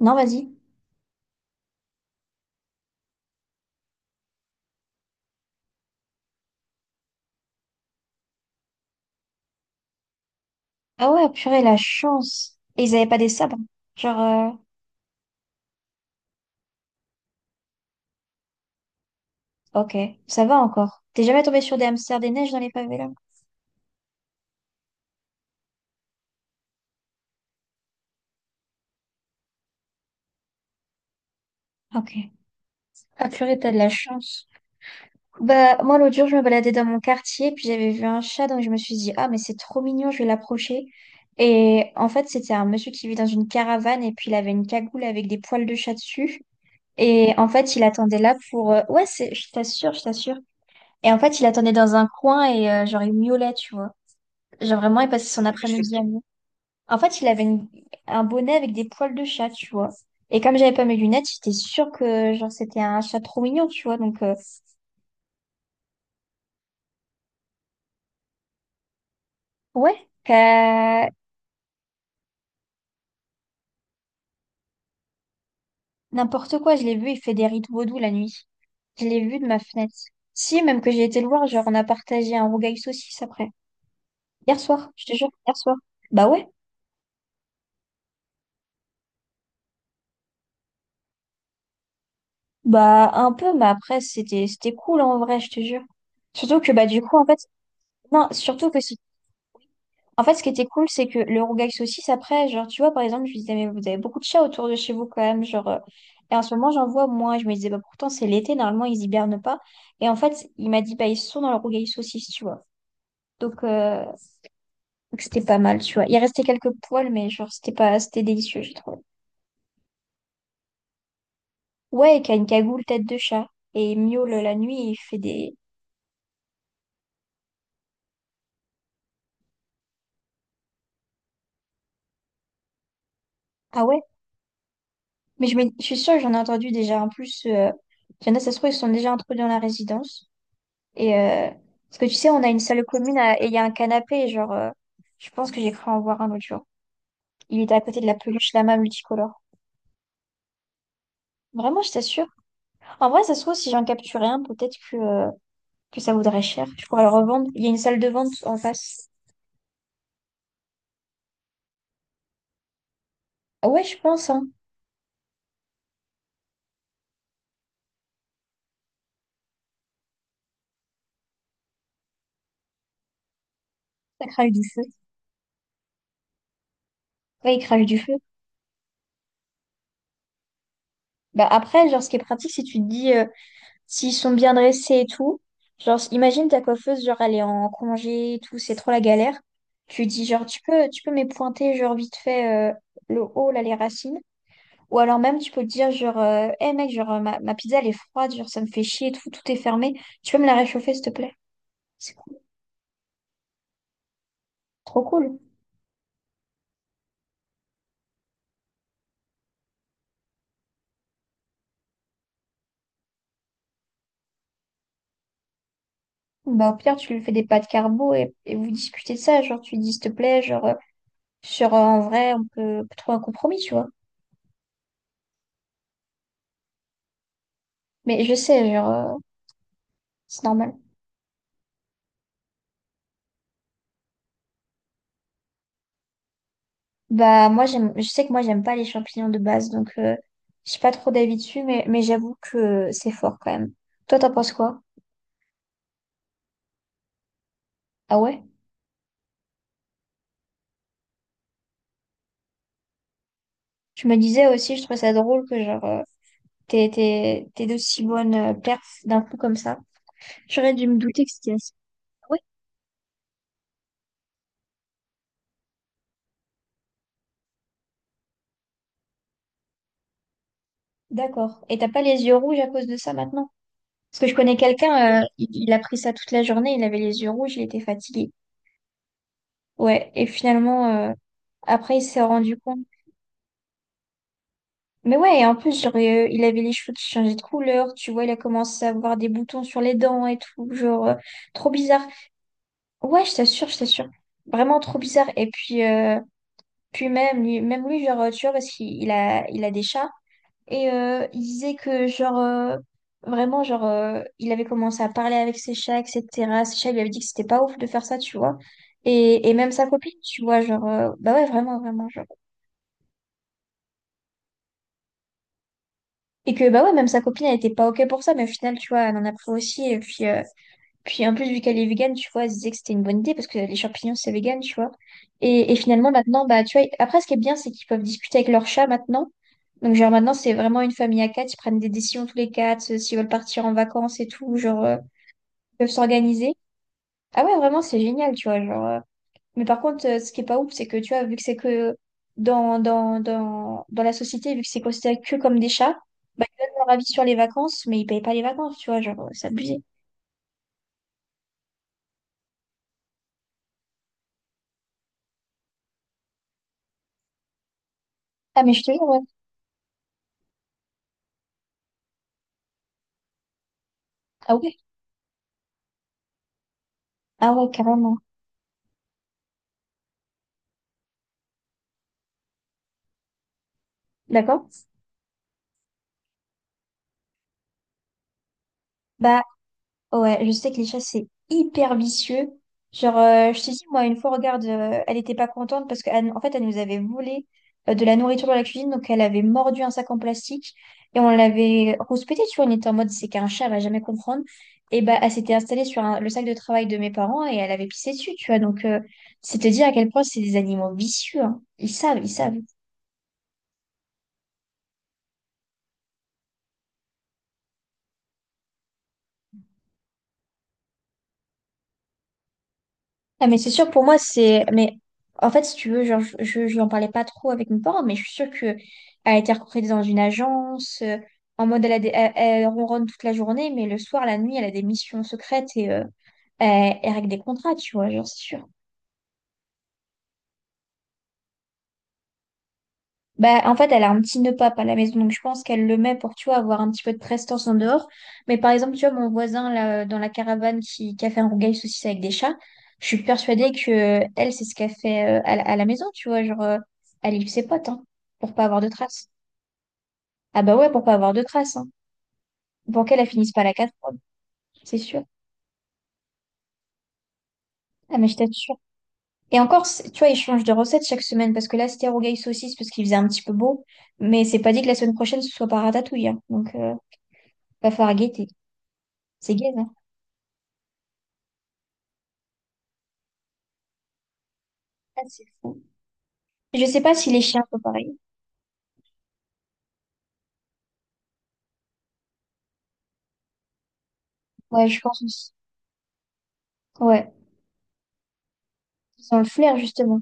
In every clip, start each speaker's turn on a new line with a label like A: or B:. A: Non, vas-y. Ah ouais, purée, la chance. Et ils avaient pas des sabres. Genre, ok, ça va encore. T'es jamais tombé sur des hamsters des neiges dans les favelas? Ok. Ah purée, t'as de la chance. Bah, moi, l'autre jour, je me baladais dans mon quartier, puis j'avais vu un chat, donc je me suis dit, ah, mais c'est trop mignon, je vais l'approcher. Et en fait, c'était un monsieur qui vit dans une caravane, et puis il avait une cagoule avec des poils de chat dessus. Et en fait, il attendait là pour... Ouais, c'est... je t'assure, je t'assure. Et en fait, il attendait dans un coin, et genre, il miaulait, tu vois. Genre vraiment, il passait son Je après-midi à nous. En fait, un bonnet avec des poils de chat, tu vois. Et comme j'avais pas mes lunettes, j'étais sûre que genre c'était un chat trop mignon, tu vois. Ouais, Euh, N'importe quoi, je l'ai vu, il fait des rites vaudou la nuit. Je l'ai vu de ma fenêtre. Si, même que j'ai été le voir, genre on a partagé un rougail saucisse après. Hier soir, je te jure, hier soir. Bah ouais, bah un peu, mais après c'était cool en vrai, je te jure. Surtout que bah du coup en fait, non, surtout que si. En fait, ce qui était cool, c'est que le rougail saucisse, après, genre, tu vois, par exemple, je lui disais, mais vous avez beaucoup de chats autour de chez vous quand même, et en ce moment, j'en vois moins. Je me disais, bah pourtant, c'est l'été, normalement, ils hibernent pas. Et en fait, il m'a dit, bah, ils sont dans le rougail saucisse, tu vois. Donc, euh, donc c'était pas mal, tu vois. Il restait quelques poils, mais genre, c'était pas, c'était délicieux, j'ai trouvé. Ouais, et qui a une cagoule tête de chat. Et il miaule la nuit, et il fait des. Ah ouais? Mais je suis sûre que j'en ai entendu déjà. En plus, il y en a, ça se trouve, ils sont déjà introduits dans la résidence. Et euh, parce que tu sais, on a une et il y a un canapé. Je pense que j'ai cru en voir un l'autre jour. Il était à côté de la peluche lama multicolore. Vraiment, je t'assure. En vrai, ça se trouve, si j'en capturais un, peut-être que ça vaudrait cher. Je pourrais le revendre. Il y a une salle de vente en face. Ah ouais, je pense, hein. Ça crache du feu. Ouais, il crache du feu. Bah après, genre, ce qui est pratique, si tu te dis, s'ils sont bien dressés et tout, genre, imagine ta coiffeuse, genre, elle est en congé et tout, c'est trop la galère. Tu dis, genre, tu peux m'épointer, genre, vite fait, le haut, là, les racines. Ou alors même, tu peux te dire, Hey, mec, ma pizza, elle est froide, genre, ça me fait chier et tout, tout est fermé. Tu peux me la réchauffer, s'il te plaît? C'est cool. Trop cool. Bah, au pire, tu lui fais des pâtes carbo et vous discutez de ça, genre, tu lui dis, s'il te plaît, en vrai, on peut trouver un compromis, tu vois. Mais je sais, c'est normal. Bah moi j'aime je sais que moi j'aime pas les champignons de base donc j'ai pas trop d'avis dessus mais j'avoue que c'est fort quand même. Toi t'en penses quoi? Ah ouais? Je me disais aussi je trouvais ça drôle que t'es de si bonnes perfs d'un coup comme ça. J'aurais dû me douter que c'était assez. Ah Ouais, d'accord. Et t'as pas les yeux rouges à cause de ça maintenant? Parce que je connais quelqu'un il a pris ça toute la journée, il avait les yeux rouges, il était fatigué. Ouais, et finalement après il s'est rendu compte. Mais ouais, et en plus, il avait les cheveux qui changeaient de couleur, tu vois, il a commencé à avoir des boutons sur les dents et tout, trop bizarre. Ouais, je t'assure, je t'assure. Vraiment trop bizarre. Et puis, puis même lui, tu vois, parce il a des chats, et il disait que, vraiment, il avait commencé à parler avec ses chats, etc. Ses chats lui avaient dit que c'était pas ouf de faire ça, tu vois. Et même sa copine, tu vois, bah ouais, vraiment, vraiment, genre. Et que bah ouais, même sa copine, elle était pas OK pour ça, mais au final, tu vois, elle en a pris aussi. Et puis, puis en plus, vu qu'elle est végane, tu vois, elle se disait que c'était une bonne idée parce que les champignons, c'est vegan, tu vois. Et finalement, maintenant, bah tu vois, après, ce qui est bien, c'est qu'ils peuvent discuter avec leur chat maintenant. Donc, genre, maintenant, c'est vraiment une famille à quatre, ils prennent des décisions tous les quatre, s'ils veulent partir en vacances et tout, ils peuvent s'organiser. Ah ouais, vraiment, c'est génial, tu vois, mais par contre, ce qui est pas ouf, c'est que tu vois, vu que c'est que dans la société, vu que c'est considéré que comme des chats, bah, ils donnent leur avis sur les vacances, mais ils payent pas les vacances, tu vois, c'est abusé. Ah, mais je te jure, ouais. Ah ouais? Ah ouais, carrément. D'accord? Bah, Ouais, je sais que les chats, c'est hyper vicieux. Je te dis, moi, une fois, regarde, elle était pas contente parce qu'en en fait, elle nous avait volé de la nourriture dans la cuisine. Donc, elle avait mordu un sac en plastique et on l'avait rouspété, tu vois. On était en mode, c'est qu'un chat, elle va jamais comprendre. Et bah, elle s'était installée sur le sac de travail de mes parents et elle avait pissé dessus, tu vois. Donc, c'est te dire à quel point c'est des animaux vicieux, hein. Ils savent, ils savent. Ah, mais c'est sûr, pour moi, c'est. Mais en fait, si tu veux, genre, n'en parlais pas trop avec mes parents, mais je suis sûre qu'elle a été recrutée dans une agence, en mode elle, elle ronronne toute la journée, mais le soir, la nuit, elle a des missions secrètes et elle règle des contrats, tu vois, genre, c'est sûr. Bah, en fait, elle a un petit nœud pape à la maison, donc je pense qu'elle le met pour, tu vois, avoir un petit peu de prestance en dehors. Mais par exemple, tu vois, mon voisin, là, dans la caravane qui a fait un rougail saucisse avec des chats, je suis persuadée que elle, c'est ce qu'elle fait à la maison, tu vois, elle livre ses potes, hein, pour pas avoir de traces. Ah bah ouais, pour pas avoir de traces, hein. Pour qu'elle, elle finisse pas la quatre, c'est sûr. Ah, mais je t'assure. Et encore, tu vois, ils changent de recette chaque semaine, parce que là, c'était rougail saucisse, parce qu'il faisait un petit peu beau, mais c'est pas dit que la semaine prochaine, ce soit pas ratatouille, hein. Va falloir guetter. C'est gay, hein. Ah, c'est fou. Je sais pas si les chiens sont pareils. Ouais, je pense aussi. Ouais. Ils ont le flair, justement.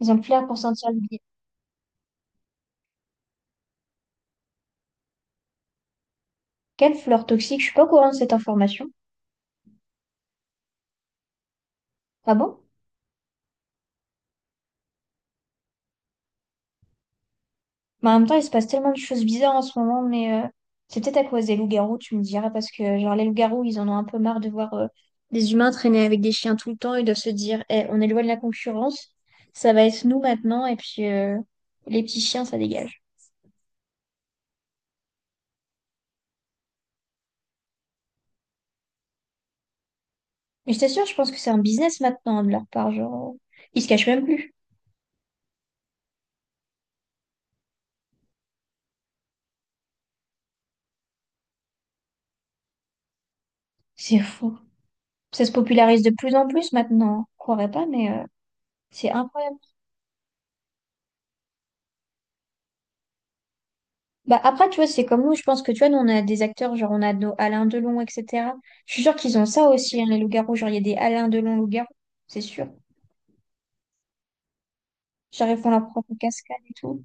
A: Ils ont le flair pour sentir le bien. Quelle fleur toxique? Je suis pas au courant de cette information. Ah bon? Mais en même temps, il se passe tellement de choses bizarres en ce moment, mais c'est peut-être à cause des loups-garous, tu me diras, parce que genre les loups-garous, ils en ont un peu marre de voir des humains traîner avec des chiens tout le temps. Ils doivent se dire, eh, on est loin de la concurrence, ça va être nous maintenant, et puis les petits chiens, ça dégage. Mais je t'assure, je pense que c'est un business maintenant de leur part, genre, ils se cachent même plus. C'est fou. Ça se popularise de plus en plus maintenant. Je croirais pas, mais c'est incroyable. Bah après, tu vois, c'est comme nous, je pense que tu vois, nous on a des acteurs, genre on a nos Alain Delon, etc. Je suis sûre qu'ils ont ça aussi, hein, les loups-garous. Genre, il y a des Alain Delon loups-garous, c'est sûr. Genre, ils font leur propre cascade et tout.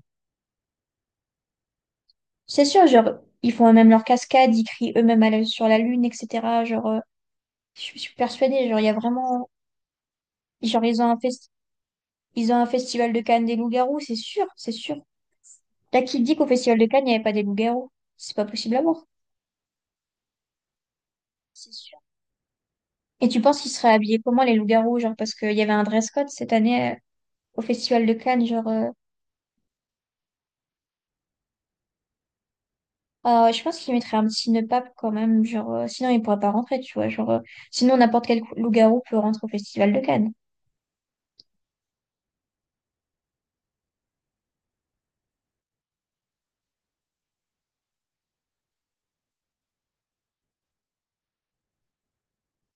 A: C'est sûr, genre, ils font eux-mêmes leur cascade, ils crient eux-mêmes à sur la lune, etc. Je suis persuadée, genre, il y a vraiment. Genre, ils ont un fest... Ils ont un festival de Cannes des loups-garous, c'est sûr, c'est sûr. Là, qui dit qu'au festival de Cannes, il n'y avait pas des loups-garous? C'est pas possible à voir. Et tu penses qu'ils seraient habillés comment les loups-garous, genre parce qu'il y avait un dress code cette année au Festival de Cannes, je pense qu'ils mettraient un petit nœud pape quand même, sinon ils pourraient pas rentrer, tu vois, sinon n'importe quel loup-garou peut rentrer au Festival de Cannes.